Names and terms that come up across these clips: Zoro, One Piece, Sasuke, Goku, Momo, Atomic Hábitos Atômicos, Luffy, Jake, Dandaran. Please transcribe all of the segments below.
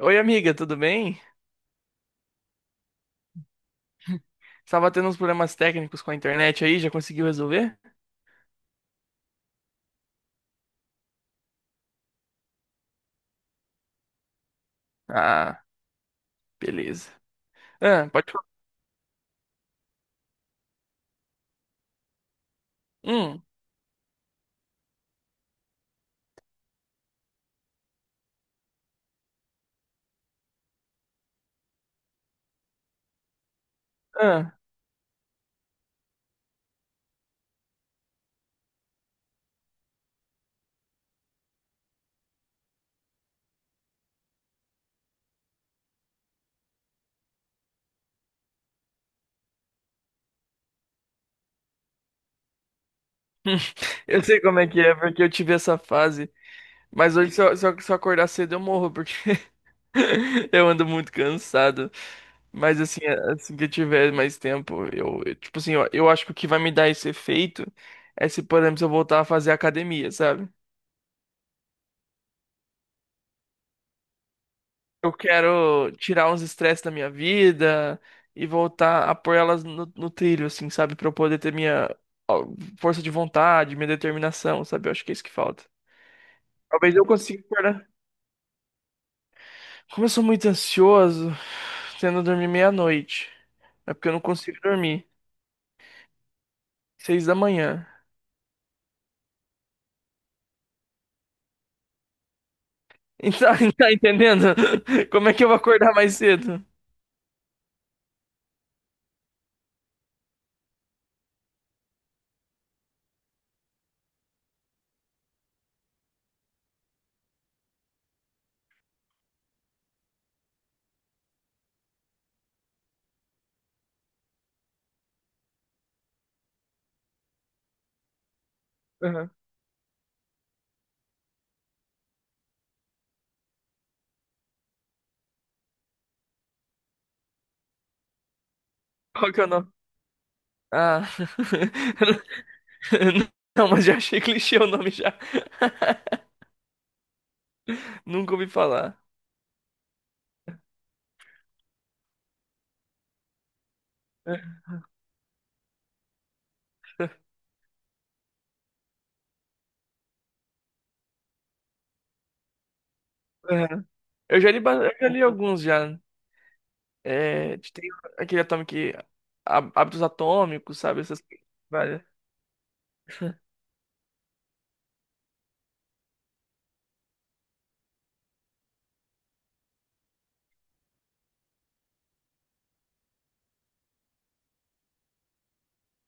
Oi, amiga, tudo bem? Estava tendo uns problemas técnicos com a internet aí, já conseguiu resolver? Ah, beleza. Ah, pode falar. Hum. Ah. Hum. Eu sei como é que é, porque eu tive essa fase. Mas hoje, se eu acordar cedo, eu morro, porque eu ando muito cansado. Mas assim, assim que eu tiver mais tempo, tipo assim, eu acho que o que vai me dar esse efeito é se, por exemplo, se eu voltar a fazer academia, sabe? Eu quero tirar uns estresses da minha vida e voltar a pôr elas no trilho, assim, sabe? Pra eu poder ter minha ó, força de vontade, minha determinação, sabe? Eu acho que é isso que falta. Talvez eu consiga acordar. Como eu sou muito ansioso, tendo dormir meia-noite. É porque eu não consigo dormir. 6 da manhã. Então, tá entendendo? Como é que eu vou acordar mais cedo? Aham. Qual que é o nome? Ah. Não, mas já achei clichê o nome já. Nunca ouvi falar. Aham. Eu já li, eu já li alguns já. É, tem aquele Atomic, Hábitos Atômicos, sabe? Essas coisas, várias.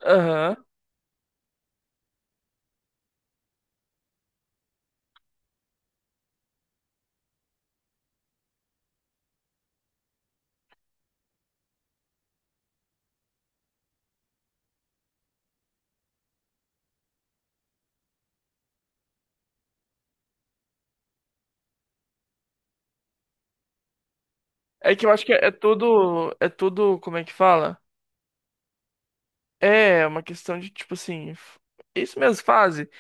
Aham. É que eu acho que é tudo. É tudo. Como é que fala? É uma questão de, tipo assim, isso mesmo, fase.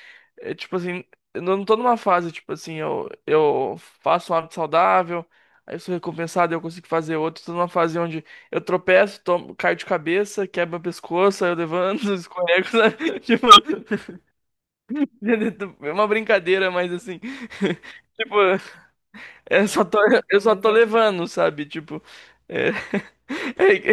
É, tipo assim, eu não tô numa fase, tipo assim, eu faço um hábito saudável, aí eu sou recompensado, eu consigo fazer outro. Tô numa fase onde eu tropeço, tomo, caio de cabeça, quebro meu pescoço, aí eu levanto, escorrego, sabe? Tipo, é uma brincadeira, mas assim, tipo, eu só tô, eu só tô levando, sabe? Tipo, é.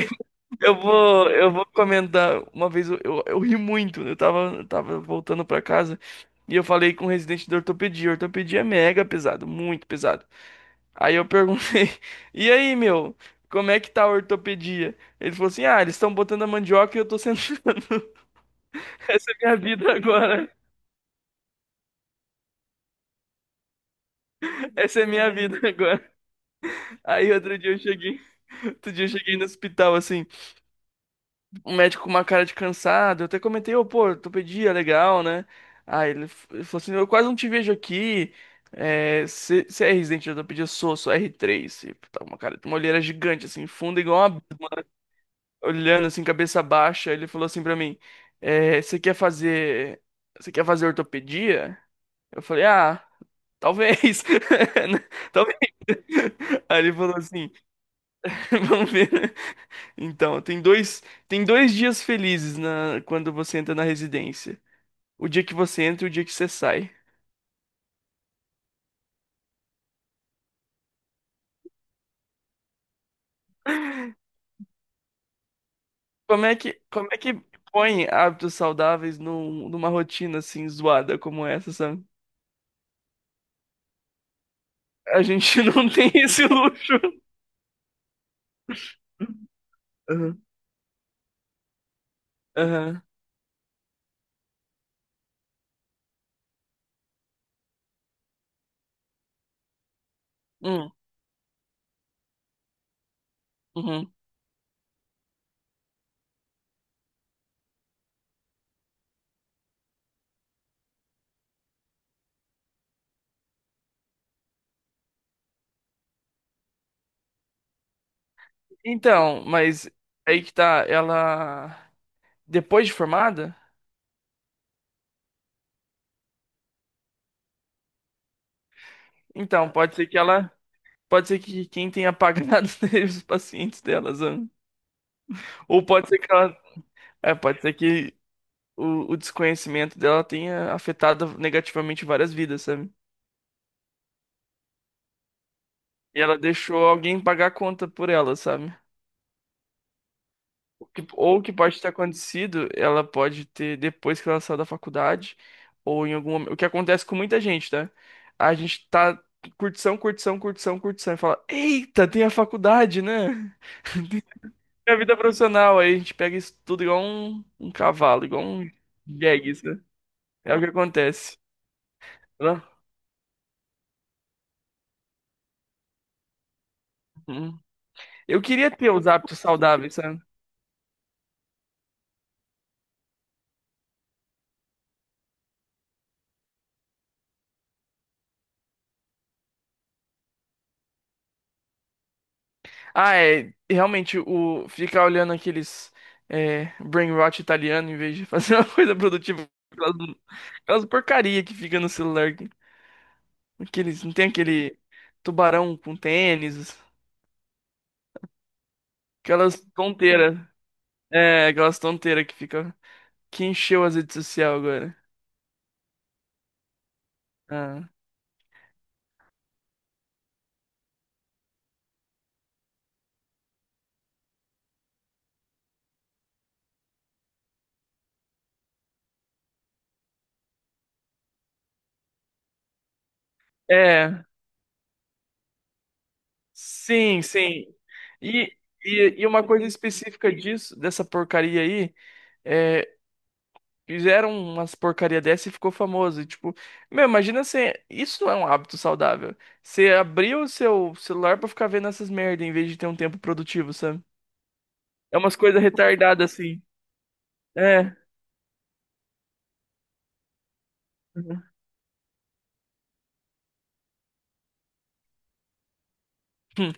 Eu vou comentar. Uma vez eu ri muito. Eu tava voltando pra casa e eu falei com o residente da ortopedia. Ortopedia é mega pesado, muito pesado. Aí eu perguntei: E aí, meu, como é que tá a ortopedia? Ele falou assim: Ah, eles estão botando a mandioca e eu tô sentando. Essa é minha vida agora. Essa é minha vida agora. Aí outro dia eu cheguei. Outro dia eu cheguei no hospital assim. Um médico com uma cara de cansado. Eu até comentei, ô, pô, ortopedia, legal, né? Aí ele, ele falou assim, eu quase não te vejo aqui. É, você é residente de ortopedia? Sou R3E, tá uma cara, uma olheira gigante, assim, funda, igual uma... Olhando, assim, cabeça baixa. Ele falou assim pra mim, é, você quer fazer... Você quer fazer ortopedia? Eu falei, ah, talvez. Talvez. Aí ele falou assim, vamos ver. Então, tem dois dias felizes na, quando você entra na residência. O dia que você entra e o dia que você sai. Como é que põe hábitos saudáveis numa rotina assim zoada como essa, sabe? A gente não tem esse luxo. Aham. Aham. Hum. Uhum. Então, mas aí que tá, ela depois de formada, então pode ser que quem tenha apagado os pacientes delas, né? Ou pode ser que ela, é, pode ser que o desconhecimento dela tenha afetado negativamente várias vidas, sabe? E ela deixou alguém pagar a conta por ela, sabe? Ou o que pode ter acontecido, ela pode ter depois que ela saiu da faculdade, ou em algum momento. O que acontece com muita gente, né? A gente tá curtição, curtição, curtição, curtição, e fala: Eita, tem a faculdade, né? Tem a vida profissional. Aí a gente pega isso tudo igual um cavalo, igual um jegue, né? É o que acontece, né? Hum. Eu queria ter os hábitos saudáveis, sabe? Ah, é. Realmente, o ficar olhando aqueles, é, brain rot italiano em vez de fazer uma coisa produtiva, aquelas porcaria que fica no celular. Aqueles, não tem aquele tubarão com tênis, aquelas tonteiras. É, aquelas tonteiras que fica. Que encheu as redes sociais agora. Ah. É. Sim, sim. E, e uma coisa específica disso, dessa porcaria aí, é, fizeram umas porcaria dessa e ficou famoso. E, tipo, meu, imagina você. Isso não é um hábito saudável. Você abrir o seu celular pra ficar vendo essas merda em vez de ter um tempo produtivo, sabe? É umas coisas retardadas assim. É. Uhum. Hum.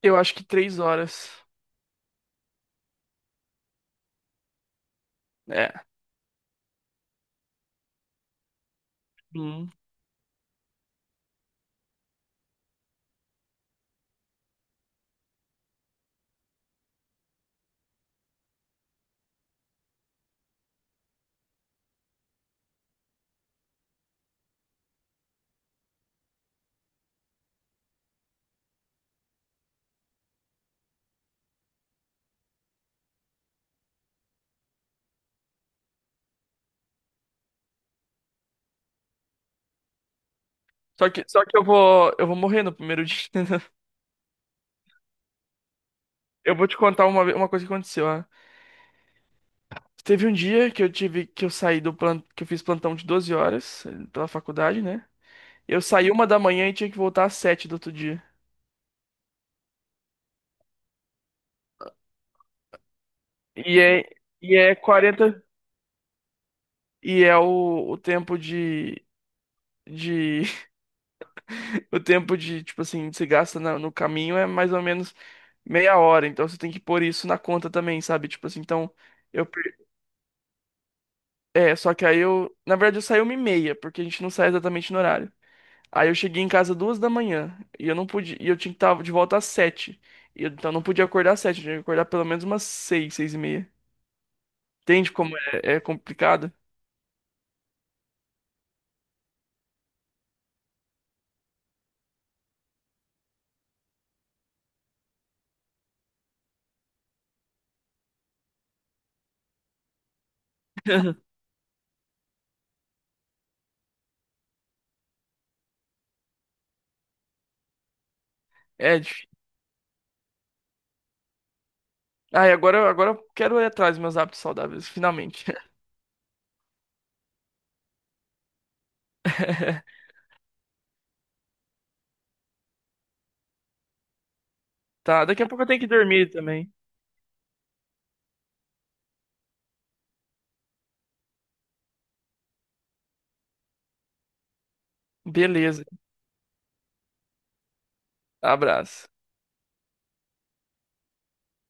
Eu acho que 3 horas. É. Hum. Só que eu vou morrer no primeiro dia. Eu vou te contar uma, uma coisa que aconteceu. Teve um dia que eu tive que eu saí do plano, que eu fiz plantão de 12 horas, pela faculdade, né? Eu saí 1 da manhã e tinha que voltar às 7 do outro dia. E é, e é quarenta, e é o tempo de de o tempo de, tipo assim, que você gasta no caminho é mais ou menos meia hora, então você tem que pôr isso na conta também, sabe? Tipo assim, então eu per- é, só que aí eu, na verdade eu saí 1h30, porque a gente não sai exatamente no horário. Aí eu cheguei em casa 2 da manhã e eu não podia, e eu tinha que estar de volta às 7. Então eu não podia acordar às 7, eu tinha que acordar pelo menos umas 6, 6h30. Entende como é complicado? É difícil. Ah, e agora eu quero ir atrás dos meus hábitos saudáveis, finalmente. Tá, daqui a pouco eu tenho que dormir também. Beleza. Abraço.